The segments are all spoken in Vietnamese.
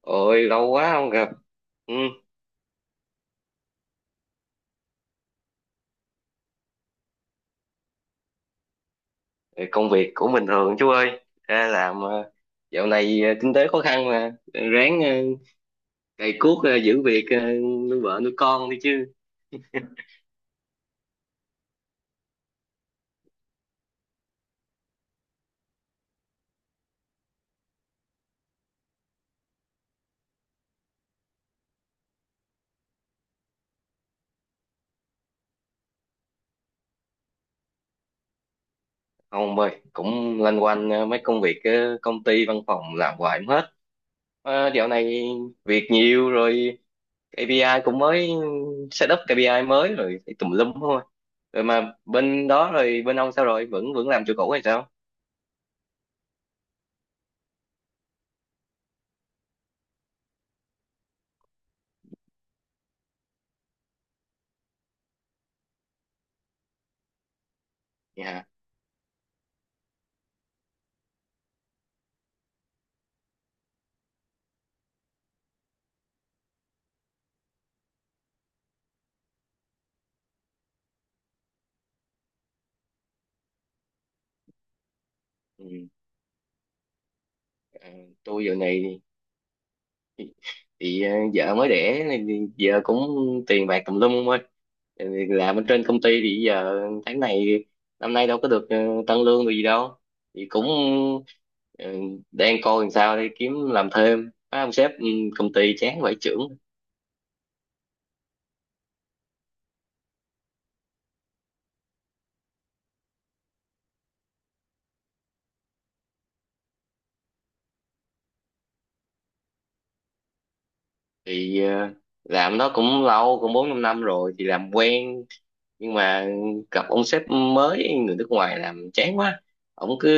Ôi lâu quá không gặp. Ừ, công việc cũng bình thường chú ơi. Ra làm, dạo này kinh tế khó khăn mà ráng, cày cuốc, giữ việc, nuôi vợ nuôi con đi chứ. Không ơi, cũng loanh quanh mấy công việc, công ty văn phòng làm hoài không hết. Dạo này việc nhiều rồi, KPI cũng mới, set up KPI mới rồi phải tùm lum thôi. Rồi mà bên đó, rồi bên ông sao rồi? Vẫn vẫn làm chỗ cũ hay sao? Dạ. Ừ. ờ, Tôi dạo này thì vợ mới đẻ nên giờ cũng tiền bạc tùm lum không ơi. Ừ, làm ở trên công ty thì giờ tháng này, năm nay đâu có được tăng lương được gì đâu, thì cũng ờ, đang coi làm sao để kiếm làm thêm. Má ông sếp, công ty chán vải chưởng. Thì làm nó cũng lâu, cũng bốn năm năm rồi thì làm quen, nhưng mà gặp ông sếp mới người nước ngoài làm chán quá. Ổng cứ,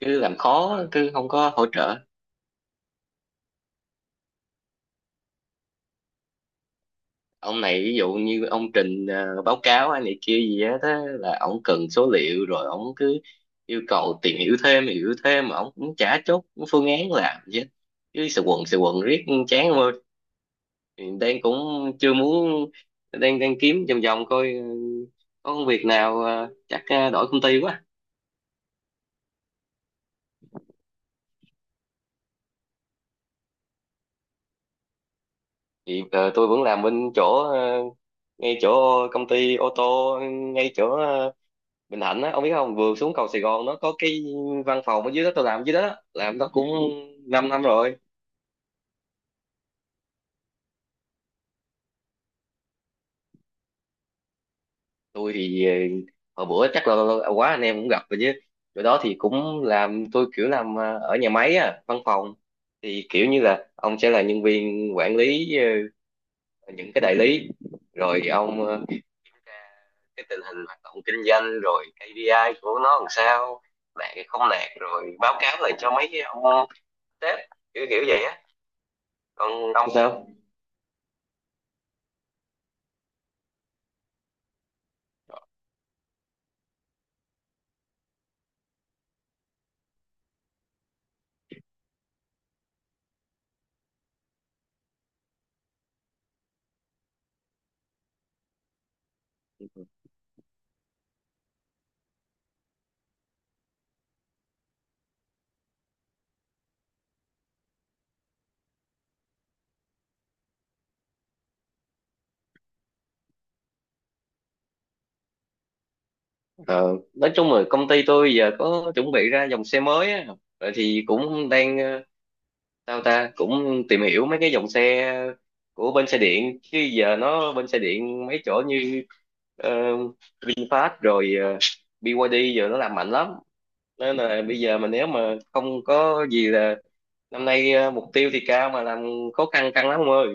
làm khó, cứ không có hỗ trợ. Ông này ví dụ như ông trình, báo cáo hay này kia gì á, thế là ông cần số liệu, rồi ông cứ yêu cầu tìm hiểu thêm, hiểu thêm, mà ông cũng chả chốt phương án làm, chứ cứ sự quần riết chán ông ơi. Thì đang cũng chưa muốn, đang đang kiếm vòng vòng coi, có công việc nào, chắc đổi công ty quá. Thì tôi vẫn làm bên chỗ, ngay chỗ công ty ô tô, ngay chỗ Bình Thạnh á, ông biết không, vừa xuống cầu Sài Gòn nó có cái văn phòng ở dưới đó, tôi làm dưới đó, làm nó cũng 5 năm rồi. Tôi thì hồi bữa chắc là quá anh em cũng gặp rồi chứ, chỗ đó thì cũng làm tôi kiểu, làm ở nhà máy á, văn phòng thì kiểu như là ông sẽ là nhân viên quản lý những cái đại lý, rồi ông kiểm tra cái tình hình hoạt động kinh doanh, rồi KPI của nó làm sao, đạt hay không đạt, rồi báo cáo lại cho mấy cái ông sếp, kiểu kiểu vậy á. Còn ông sao? Ờ, nói chung là công ty tôi giờ có chuẩn bị ra dòng xe mới á, vậy thì cũng đang sao ta, cũng tìm hiểu mấy cái dòng xe của bên xe điện, chứ giờ nó bên xe điện mấy chỗ như ờ, VinFast, rồi BYD giờ nó làm mạnh lắm. Nên là bây giờ mà nếu mà không có gì, là năm nay mục tiêu thì cao mà làm khó khăn căng lắm ông ơi.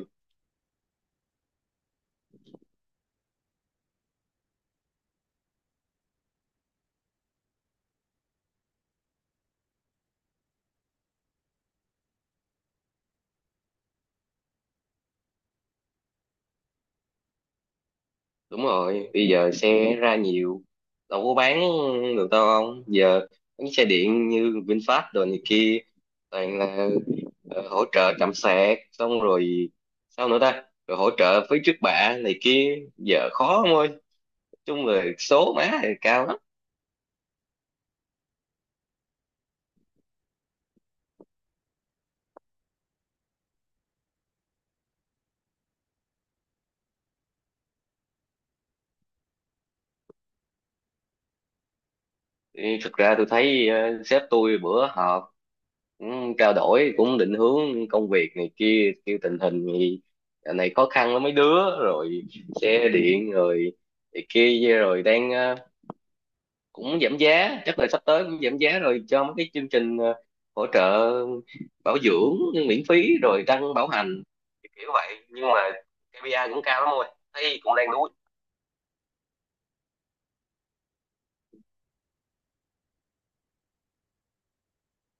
Đúng rồi, bây giờ xe ra nhiều đâu có bán được đâu ông, giờ mấy xe điện như VinFast đồ này kia toàn là hỗ trợ trạm sạc, xong rồi sao nữa ta, rồi hỗ trợ phí trước bạ này kia, giờ khó ông ơi, chung là số má thì cao lắm. Ê, thực ra tôi thấy sếp tôi bữa họp cũng trao đổi, cũng định hướng công việc này kia, kêu tình hình thì dạo này khó khăn lắm mấy đứa, rồi xe điện, rồi này kia, rồi đang cũng giảm giá, chắc là sắp tới cũng giảm giá rồi, cho mấy cái chương trình hỗ trợ bảo dưỡng miễn phí, rồi đăng bảo hành kiểu vậy, nhưng mà KPI cũng cao lắm rồi, thấy cũng đang đuối.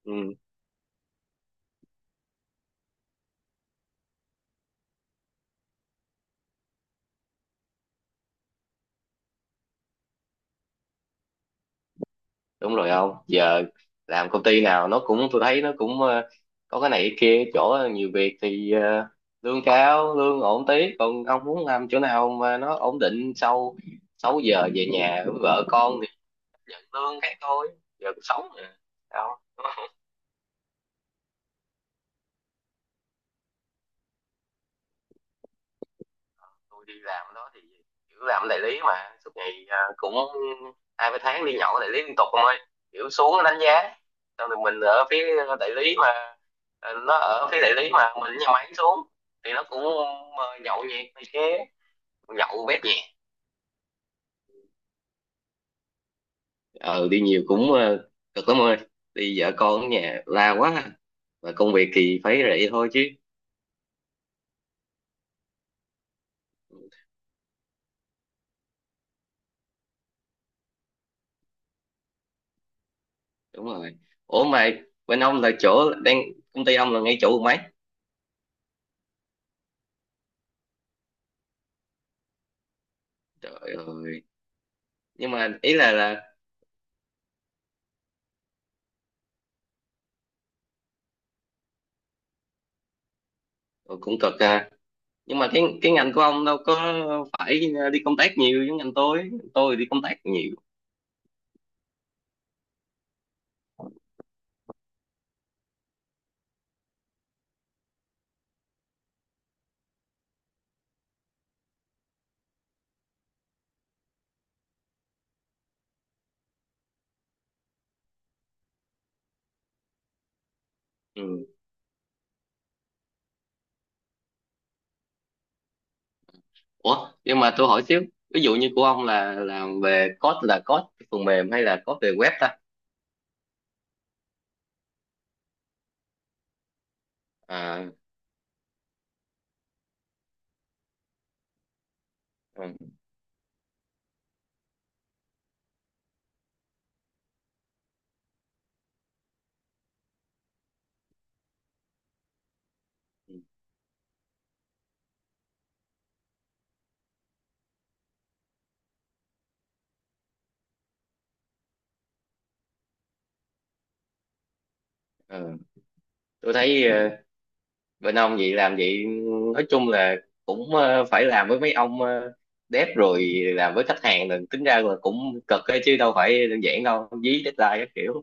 Ừ. Đúng rồi, không, giờ làm công ty nào nó cũng, tôi thấy nó cũng có cái này cái kia, chỗ nhiều việc thì lương cao, lương ổn tí, còn ông muốn làm chỗ nào mà nó ổn định, sau 6 giờ về nhà với vợ con thì nhận lương cái thôi, giờ cũng sống mà. Đâu. Tôi đi làm đó thì kiểu làm đại lý mà suốt ngày à, cũng hai ba tháng đi nhậu đại lý liên tục không ơi, kiểu xuống đánh giá xong rồi mình ở phía đại lý mà, à, nó ở phía đại lý mà mình ở nhà máy xuống thì nó cũng, à, nhậu nhẹt này kia, nhậu bét nhẹ. Ờ Đi nhiều cũng cực lắm ơi, đi vợ con ở nhà la quá, và công việc thì phải vậy thôi chứ. Đúng rồi. Ủa mà bên ông là chỗ đang, công ty ông là ngay chỗ mấy, trời ơi, nhưng mà ý là Ồ, cũng cực à. Nhưng mà cái ngành của ông đâu có phải đi công tác nhiều giống ngành tôi. Tôi đi công tác nhiều. Ừ. Ủa, nhưng mà tôi hỏi xíu, ví dụ như của ông là làm về code, là code phần mềm hay là code về web ta? À, ừ, ừ. Tôi thấy bên ông vậy làm vậy, nói chung là cũng phải làm với mấy ông dev, rồi làm với khách hàng, là tính ra là cũng cực ấy, chứ đâu phải đơn giản đâu, dí deadline các kiểu.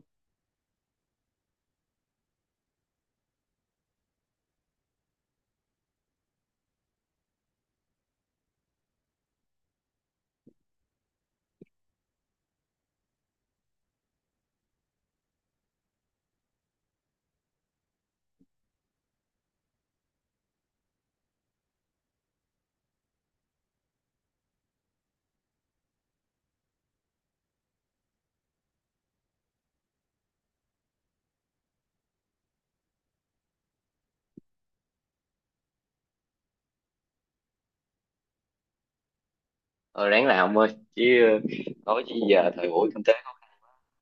Ờ, ráng làm thôi chứ, nói chứ giờ thời buổi kinh tế khó khăn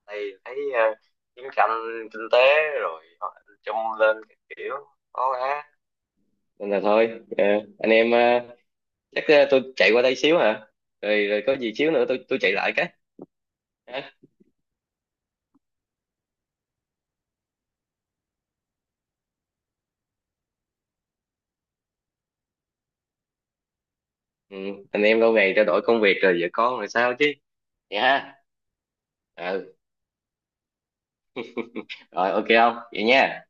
đây, thấy chiến tranh kinh tế, rồi họ chung lên các kiểu khó quá. Nên là thôi anh em, chắc tôi chạy qua đây xíu hả, rồi, rồi có gì xíu nữa tôi chạy lại cái. Hả? Ừ, anh em lâu ngày trao đổi công việc, rồi vợ con, rồi sao chứ, vậy ha. Ừ rồi, ok không vậy nha.